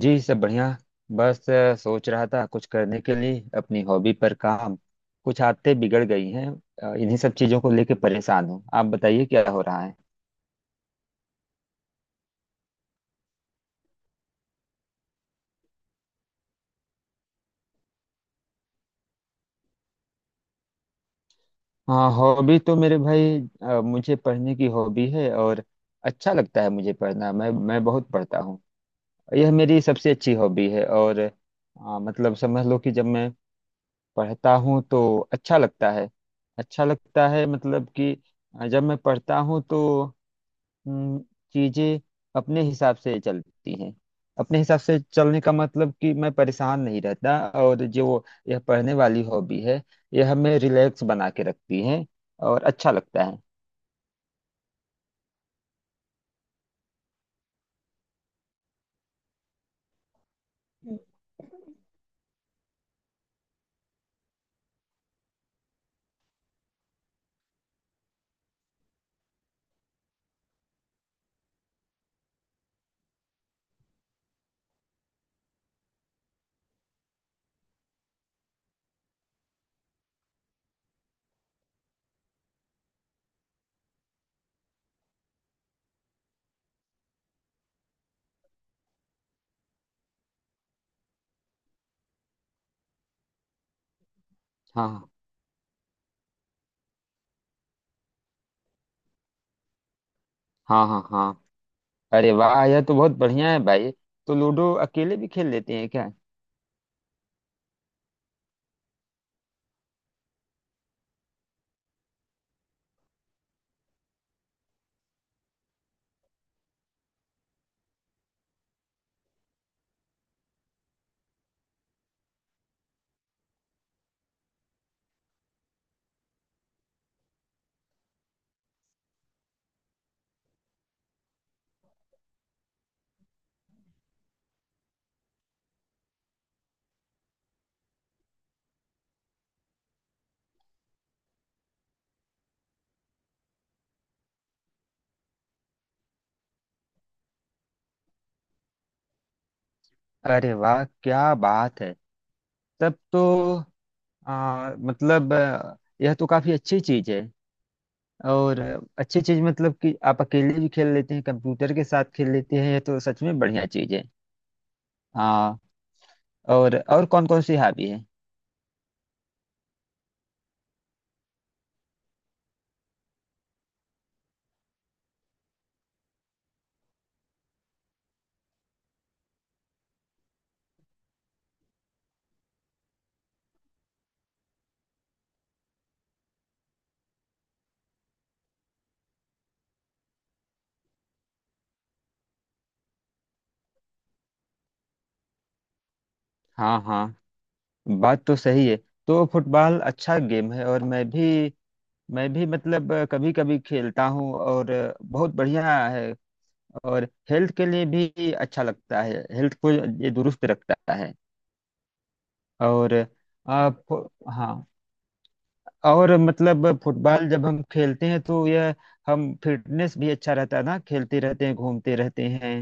जी, सब बढ़िया। बस सोच रहा था कुछ करने के लिए, अपनी हॉबी पर काम। कुछ आदतें बिगड़ गई हैं। इन्हीं सब चीजों को लेके परेशान हूँ। आप बताइए, क्या हो रहा है? हाँ, हॉबी तो मेरे भाई, मुझे पढ़ने की हॉबी है। और अच्छा लगता है मुझे पढ़ना, मैं बहुत पढ़ता हूँ। यह मेरी सबसे अच्छी हॉबी है। और मतलब समझ लो कि जब मैं पढ़ता हूँ तो अच्छा लगता है। अच्छा लगता है, मतलब कि जब मैं पढ़ता हूँ तो हम्म, चीजें अपने हिसाब से चलती हैं। अपने हिसाब से चलने का मतलब कि मैं परेशान नहीं रहता। और जो यह पढ़ने वाली हॉबी है, यह हमें रिलैक्स बना के रखती है, और अच्छा लगता है। हाँ, हाँ, हाँ, हाँ। अरे वाह, यह तो बहुत बढ़िया है भाई। तो लूडो अकेले भी खेल लेते हैं क्या? अरे वाह, क्या बात है! तब तो मतलब यह तो काफी अच्छी चीज है। और अच्छी चीज मतलब कि आप अकेले भी खेल लेते हैं, कंप्यूटर के साथ खेल लेते हैं, ये तो सच में बढ़िया चीज है। हाँ। और कौन कौन सी हॉबी है? हाँ, हाँ, बात तो सही है। तो फुटबॉल अच्छा गेम है, और मैं भी मतलब कभी कभी खेलता हूँ। और बहुत बढ़िया है। और हेल्थ के लिए भी अच्छा लगता है, हेल्थ को ये दुरुस्त रखता है। और आप। हाँ। और मतलब फुटबॉल जब हम खेलते हैं तो यह, हम फिटनेस भी अच्छा रहता है ना, खेलते रहते हैं, घूमते रहते हैं।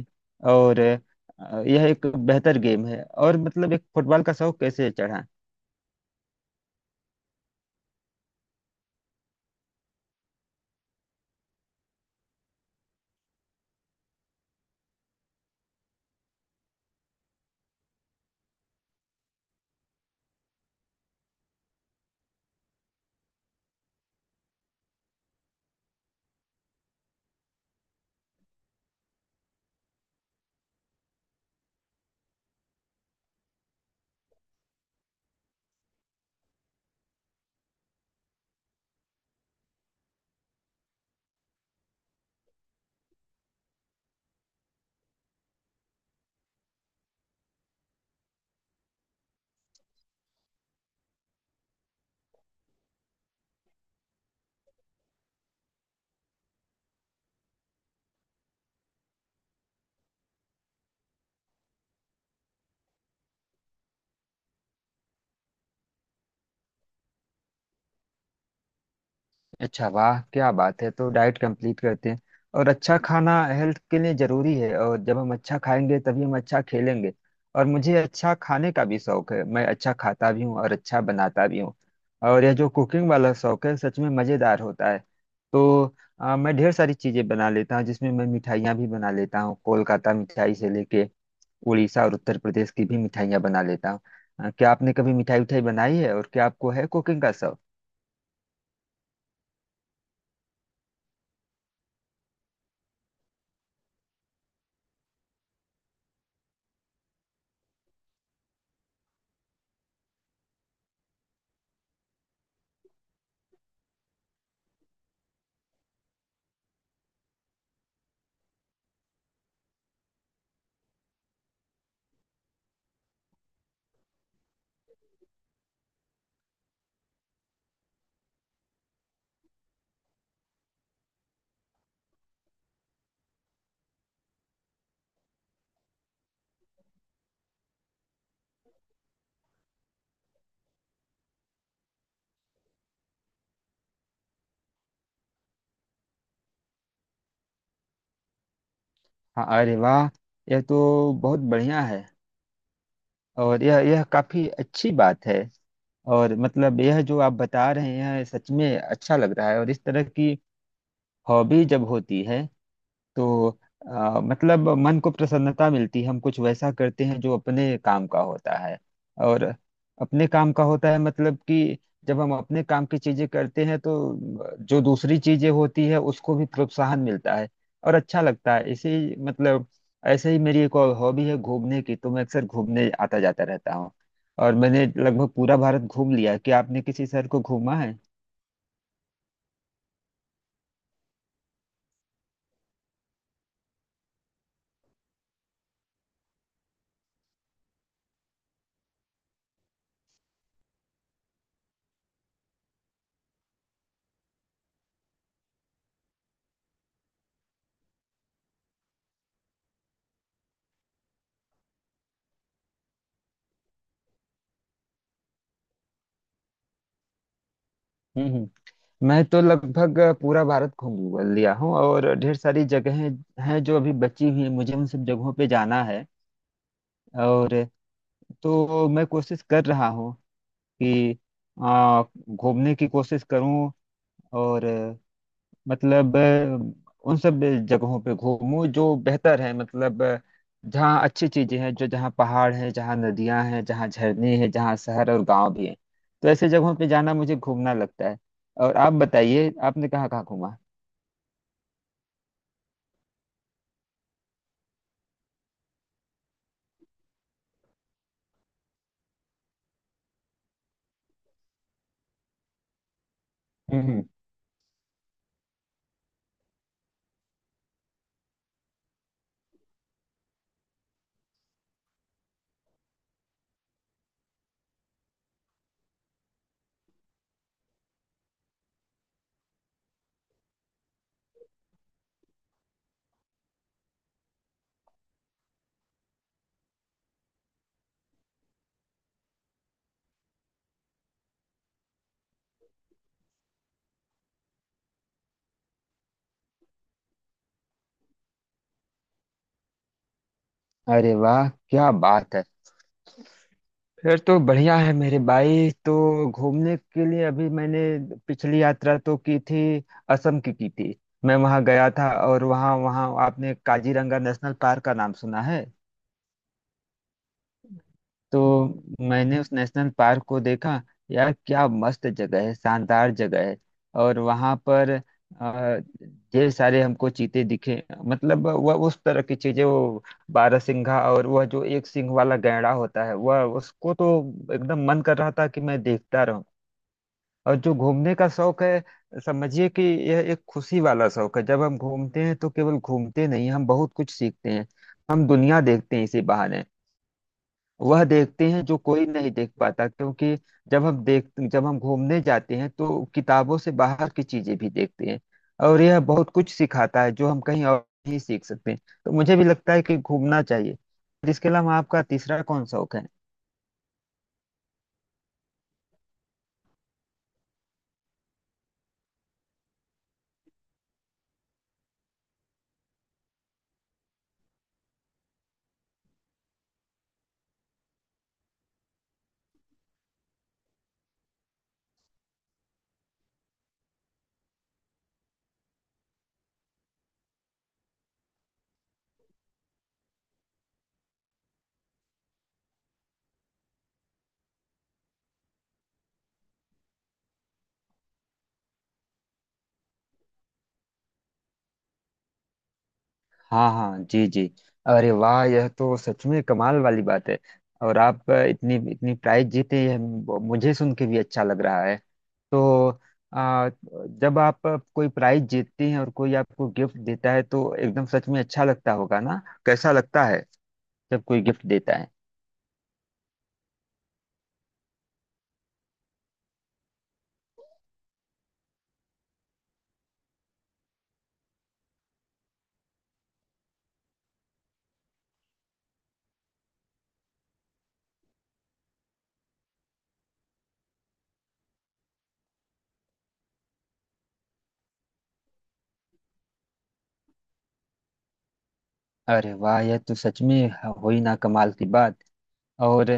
और यह एक बेहतर गेम है। और मतलब, एक फुटबॉल का शौक कैसे चढ़ा? अच्छा, वाह क्या बात है! तो डाइट कंप्लीट करते हैं, और अच्छा खाना हेल्थ के लिए जरूरी है। और जब हम अच्छा खाएंगे, तभी हम अच्छा खेलेंगे। और मुझे अच्छा खाने का भी शौक है, मैं अच्छा खाता भी हूँ और अच्छा बनाता भी हूँ। और यह जो कुकिंग वाला शौक है, सच में मज़ेदार होता है। तो मैं ढेर सारी चीज़ें बना लेता हूँ, जिसमें मैं मिठाइयाँ भी बना लेता हूँ। कोलकाता मिठाई से लेके उड़ीसा और उत्तर प्रदेश की भी मिठाइयाँ बना लेता हूँ। क्या आपने कभी मिठाई उठाई बनाई है, और क्या आपको है कुकिंग का शौक? हाँ, अरे वाह, यह तो बहुत बढ़िया है। और यह काफी अच्छी बात है। और मतलब यह जो आप बता रहे हैं, सच में अच्छा लग रहा है। और इस तरह की हॉबी जब होती है तो मतलब मन को प्रसन्नता मिलती है। हम कुछ वैसा करते हैं जो अपने काम का होता है। और अपने काम का होता है मतलब कि जब हम अपने काम की चीजें करते हैं तो जो दूसरी चीजें होती है, उसको भी प्रोत्साहन मिलता है, और अच्छा लगता है। इसी मतलब ऐसे ही मेरी एक और हॉबी है घूमने की। तो मैं अक्सर घूमने आता जाता रहता हूँ। और मैंने लगभग पूरा भारत घूम लिया है। क्या आपने किसी शहर को घूमा है? हम्म, मैं तो लगभग पूरा भारत घूम लिया हूँ, और ढेर सारी जगहें हैं जो अभी बची हुई हैं, मुझे उन सब जगहों पे जाना है। और तो मैं कोशिश कर रहा हूँ कि आ, घूमने की कोशिश करूँ। और मतलब उन सब जगहों पे घूमूं जो बेहतर है, मतलब जहाँ अच्छी चीजें हैं, जो जहाँ पहाड़ हैं, जहाँ नदियां हैं, जहाँ झरने हैं, जहाँ शहर और गांव भी हैं। तो ऐसे जगहों पे जाना मुझे घूमना लगता है। और आप बताइए, आपने कहाँ कहाँ घूमा? हम्म, अरे वाह, क्या बात है! फिर तो बढ़िया है मेरे भाई। तो घूमने के लिए, अभी मैंने पिछली यात्रा तो की थी, असम की थी। मैं वहां गया था। और वहां वहां, आपने काजीरंगा नेशनल पार्क का नाम सुना है? तो मैंने उस नेशनल पार्क को देखा। यार क्या मस्त जगह है, शानदार जगह है। और वहां पर अ, ढेर सारे हमको चीते दिखे, मतलब वह उस तरह की चीजें, वो बारहसिंघा, और वह जो एक सिंह वाला गैंडा होता है, वह, उसको तो एकदम मन कर रहा था कि मैं देखता रहूं। और जो घूमने का शौक है, समझिए कि यह एक खुशी वाला शौक है। जब हम घूमते हैं तो केवल घूमते नहीं, हम बहुत कुछ सीखते हैं। हम दुनिया देखते हैं इसी बहाने। वह देखते हैं जो कोई नहीं देख पाता, क्योंकि जब हम घूमने जाते हैं तो किताबों से बाहर की चीजें भी देखते हैं। और यह बहुत कुछ सिखाता है, जो हम कहीं और नहीं सीख सकते हैं। तो मुझे भी लगता है कि घूमना चाहिए। इसके अलावा आपका तीसरा कौन शौक है? हाँ, हाँ, जी जी। अरे वाह, यह तो सच में कमाल वाली बात है। और आप इतनी इतनी प्राइज जीते, यह मुझे सुन के भी अच्छा लग रहा है। तो आ, जब आप कोई प्राइज जीतती हैं और कोई आपको गिफ्ट देता है, तो एकदम सच में अच्छा लगता होगा ना? कैसा लगता है जब कोई गिफ्ट देता है? अरे वाह, यह तो सच में, हो ही ना कमाल की बात। और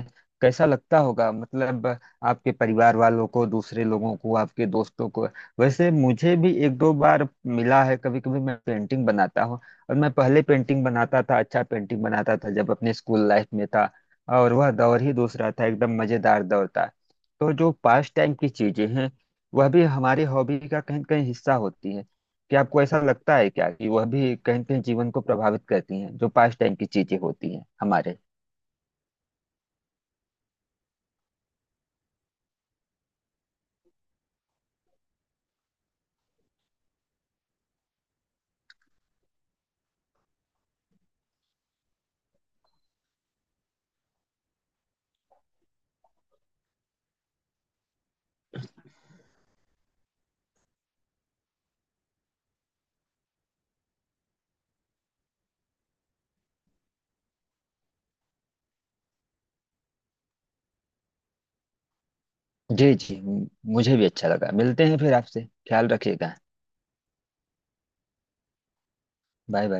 कैसा लगता होगा, मतलब आपके परिवार वालों को, दूसरे लोगों को, आपके दोस्तों को। वैसे मुझे भी एक दो बार मिला है, कभी कभी मैं पेंटिंग बनाता हूँ। और मैं पहले पेंटिंग बनाता था, अच्छा पेंटिंग बनाता था, जब अपने स्कूल लाइफ में था। और वह दौर ही दूसरा था, एकदम मजेदार दौर था। तो जो पास टाइम की चीजें हैं, वह भी हमारी हॉबी का कहीं न कहीं हिस्सा होती है। क्या आपको ऐसा लगता है क्या कि वह भी कहीं न कहीं जीवन को प्रभावित करती हैं, जो पास टाइम की चीजें होती हैं हमारे? जी जी। मुझे भी अच्छा लगा, मिलते हैं फिर आपसे। ख्याल रखिएगा। Bye, bye.